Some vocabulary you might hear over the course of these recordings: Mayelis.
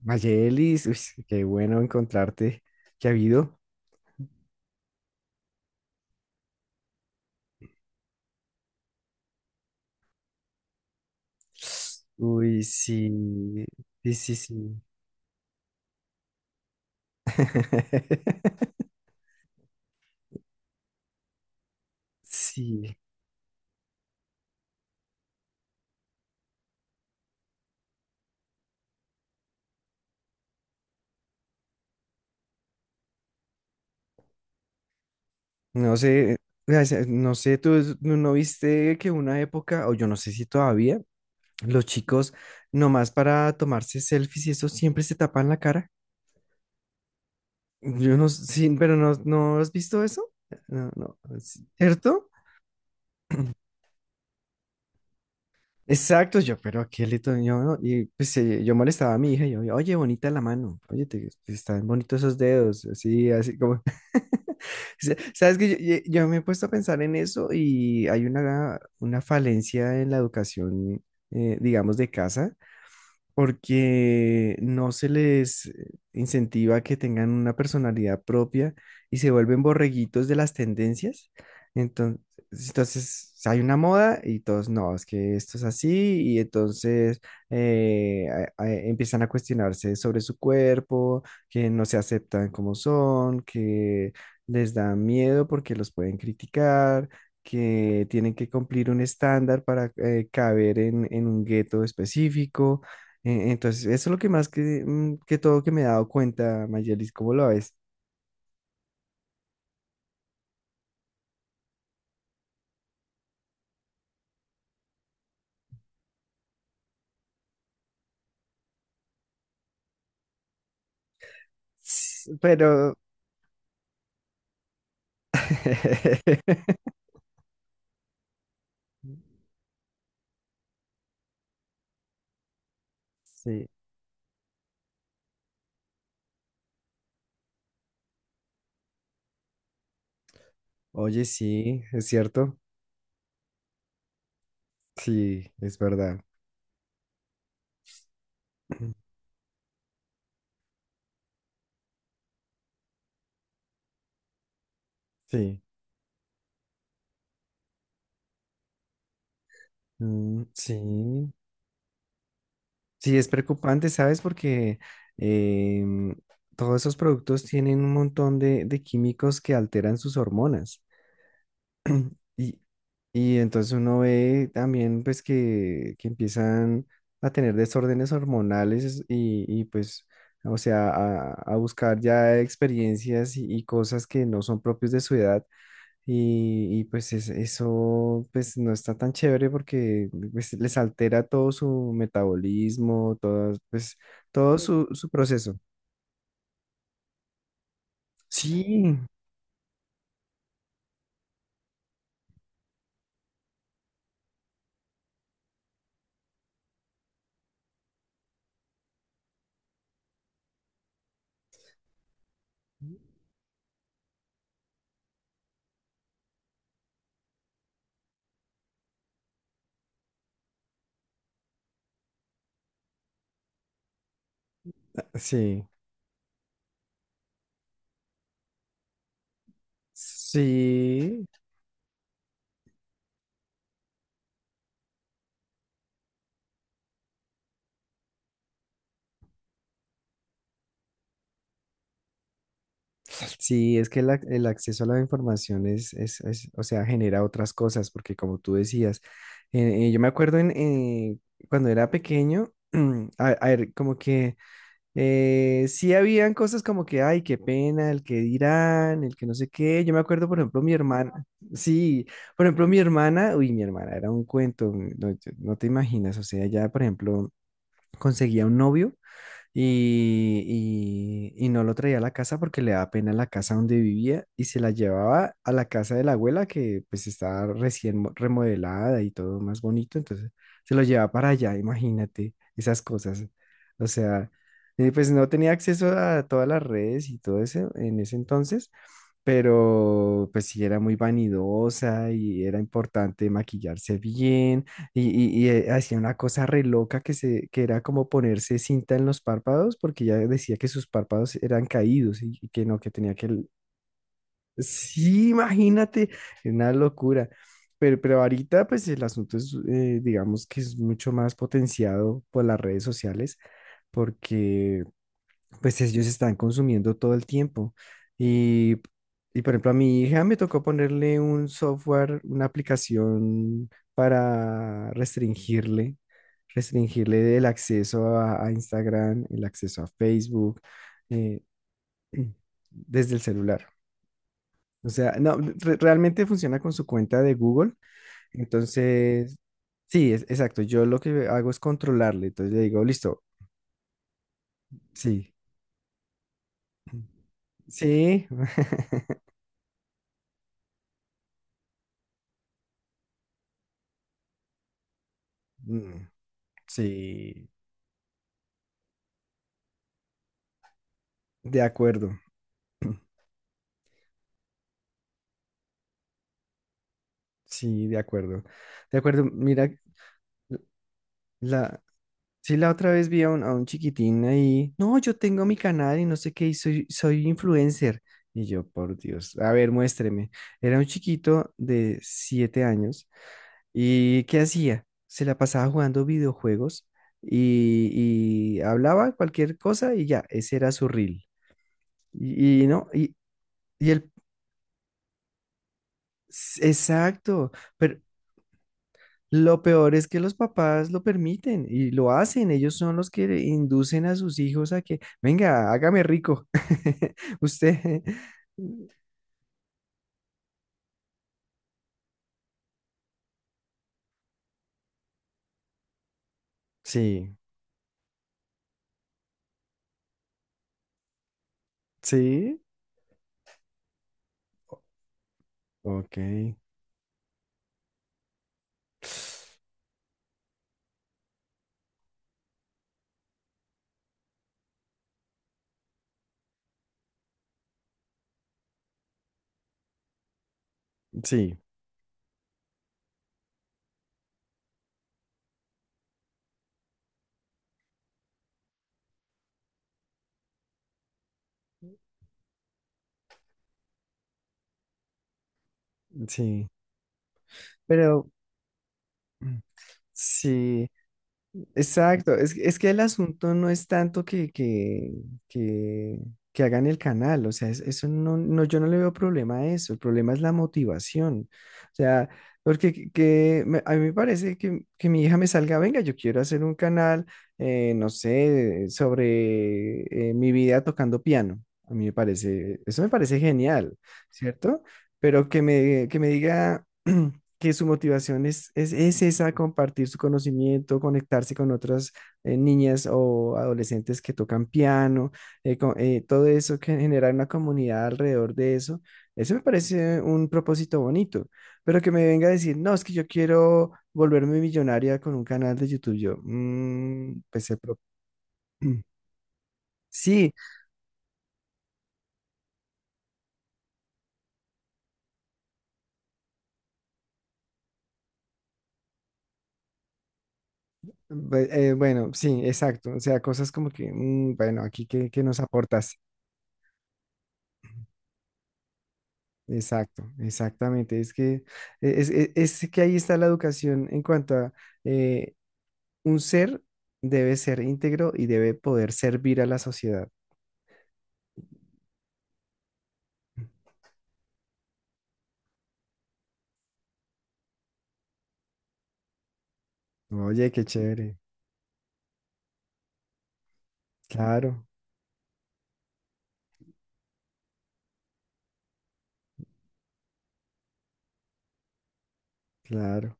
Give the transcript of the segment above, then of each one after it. Mayelis, uy, qué bueno encontrarte. ¿Qué ha habido? Uy, sí, sí, sí, sí. Sí, no sé, o sea, no sé, tú no viste que una época, o yo no sé si todavía, los chicos nomás para tomarse selfies y eso siempre se tapan la cara. Yo no, sí, pero no, ¿no has visto eso? No, no, ¿cierto? Exacto, yo, pero qué lindo, yo, ¿no? Y pues yo molestaba a mi hija, y yo, oye, bonita la mano, oye, te, están bonitos esos dedos, así, así como, sabes que yo me he puesto a pensar en eso y hay una falencia en la educación, digamos, de casa, porque no se les incentiva que tengan una personalidad propia y se vuelven borreguitos de las tendencias. Entonces, entonces hay una moda y todos, no, es que esto es así y entonces eh, empiezan a cuestionarse sobre su cuerpo, que no se aceptan como son, que les da miedo porque los pueden criticar, que tienen que cumplir un estándar para caber en un gueto específico. Entonces, eso es lo que más que, que todo que me he dado cuenta, Mayelis, ¿cómo lo ves? Pero, sí, oye, sí, es cierto, sí, es verdad, sí, Mm, sí, sí, es preocupante, ¿sabes? Porque em, todos esos productos tienen un montón de químicos que alteran sus hormonas. Y, y entonces uno ve también pues que empiezan a tener desórdenes hormonales pues, o sea, a buscar ya experiencias y cosas que no son propios de su edad. Pues eso pues no está tan chévere porque pues, les altera todo su metabolismo, todo, pues, todo. Sí, su proceso. Sí, sí, sí. Sí, es que el, el acceso a la información es, o sea, genera otras cosas, porque como tú decías, yo me acuerdo cuando era pequeño, a ver, como que sí habían cosas como que, ay, qué pena, el que dirán, el que no sé qué. Yo me acuerdo, por ejemplo, mi hermana, sí, por ejemplo, mi hermana, uy, mi hermana era un cuento, no, no te imaginas, o sea, ya, por ejemplo, conseguía un novio y no lo traía a la casa porque le daba pena la casa donde vivía y se la llevaba a la casa de la abuela que pues estaba recién remodelada y todo más bonito, entonces se lo llevaba para allá, imagínate esas cosas. O sea, pues no tenía acceso a todas las redes y todo eso en ese entonces, pero pues sí era muy vanidosa y era importante maquillarse bien y hacía una cosa re loca que, se, que era como ponerse cinta en los párpados porque ya decía que sus párpados eran caídos y que no, que tenía que... l- Sí, imagínate, una locura. Pero ahorita pues el asunto es, digamos que es mucho más potenciado por las redes sociales porque pues ellos están consumiendo todo el tiempo. Y, por ejemplo, a mi hija me tocó ponerle un software, una aplicación para restringirle, restringirle el acceso a Instagram, el acceso a Facebook, eh, desde el celular. O sea, no, realmente funciona con su cuenta de Google. Entonces, sí, exacto. Yo lo que hago es controlarle. Entonces le digo, listo, sí, sí. Mm. Sí, de acuerdo. Sí, de acuerdo. De acuerdo, mira, la, sí, la otra vez vi a un chiquitín ahí, no, yo tengo mi canal y no sé qué, y soy, soy influencer. Y yo, por Dios, a ver, muéstreme. Era un chiquito de 7 años y ¿qué hacía? Se la pasaba jugando videojuegos y hablaba cualquier cosa y ya, ese era su reel. Y no, y el, exacto, pero lo peor es que los papás lo permiten y lo hacen. Ellos son los que inducen a sus hijos a que, venga, hágame rico. Usted. Sí, sí, ok, sí, sí. Pero mm, sí. Exacto, es que el asunto no es tanto que que hagan el canal, o sea, eso no, no, yo no le veo problema a eso, el problema es la motivación, o sea, porque que a mí me parece que mi hija me salga, venga, yo quiero hacer un canal, no sé, sobre mi vida tocando piano, a mí me parece, eso me parece genial, ¿cierto? Pero que me diga... que su motivación es esa, compartir su conocimiento, conectarse con otras niñas o adolescentes que tocan piano, todo eso, que generar una comunidad alrededor de eso, eso me parece un propósito bonito, pero que me venga a decir, no, es que yo quiero volverme millonaria con un canal de YouTube, yo, "Mm, pues el sí, bueno, sí, exacto, o sea, cosas como que, "Mm, bueno, aquí, ¿qué, qué nos aportas? Exacto, exactamente. Es que, es, es que ahí está la educación en cuanto a eh, un ser debe ser íntegro y debe poder servir a la sociedad. Oye, qué chévere. Claro, claro.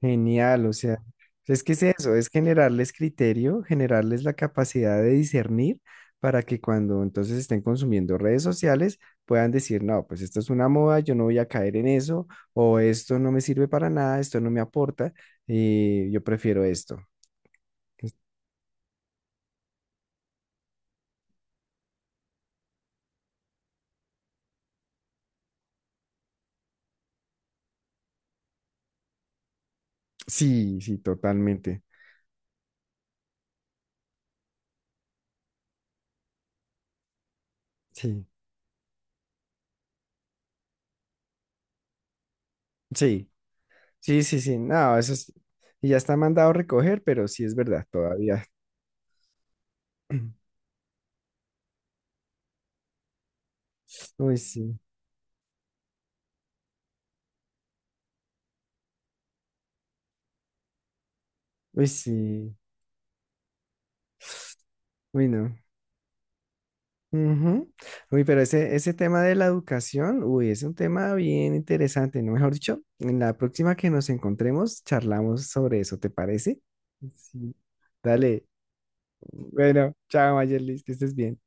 Genial, o sea, es que es eso, es generarles criterio, generarles la capacidad de discernir para que cuando entonces estén consumiendo redes sociales puedan decir, no, pues esto es una moda, yo no voy a caer en eso, o esto no me sirve para nada, esto no me aporta, y yo prefiero esto. Sí, sí, totalmente. Sí, sí, sí, sí, sí, no, eso es, y ya está mandado a recoger, pero sí es verdad, todavía. Uy, sí, uy, sí, uy, no. Ujú. Uy, pero ese tema de la educación, uy, es un tema bien interesante, ¿no? Mejor dicho, en la próxima que nos encontremos, charlamos sobre eso, ¿te parece? Sí. Dale. Bueno, chao, Mayerlis, que estés bien.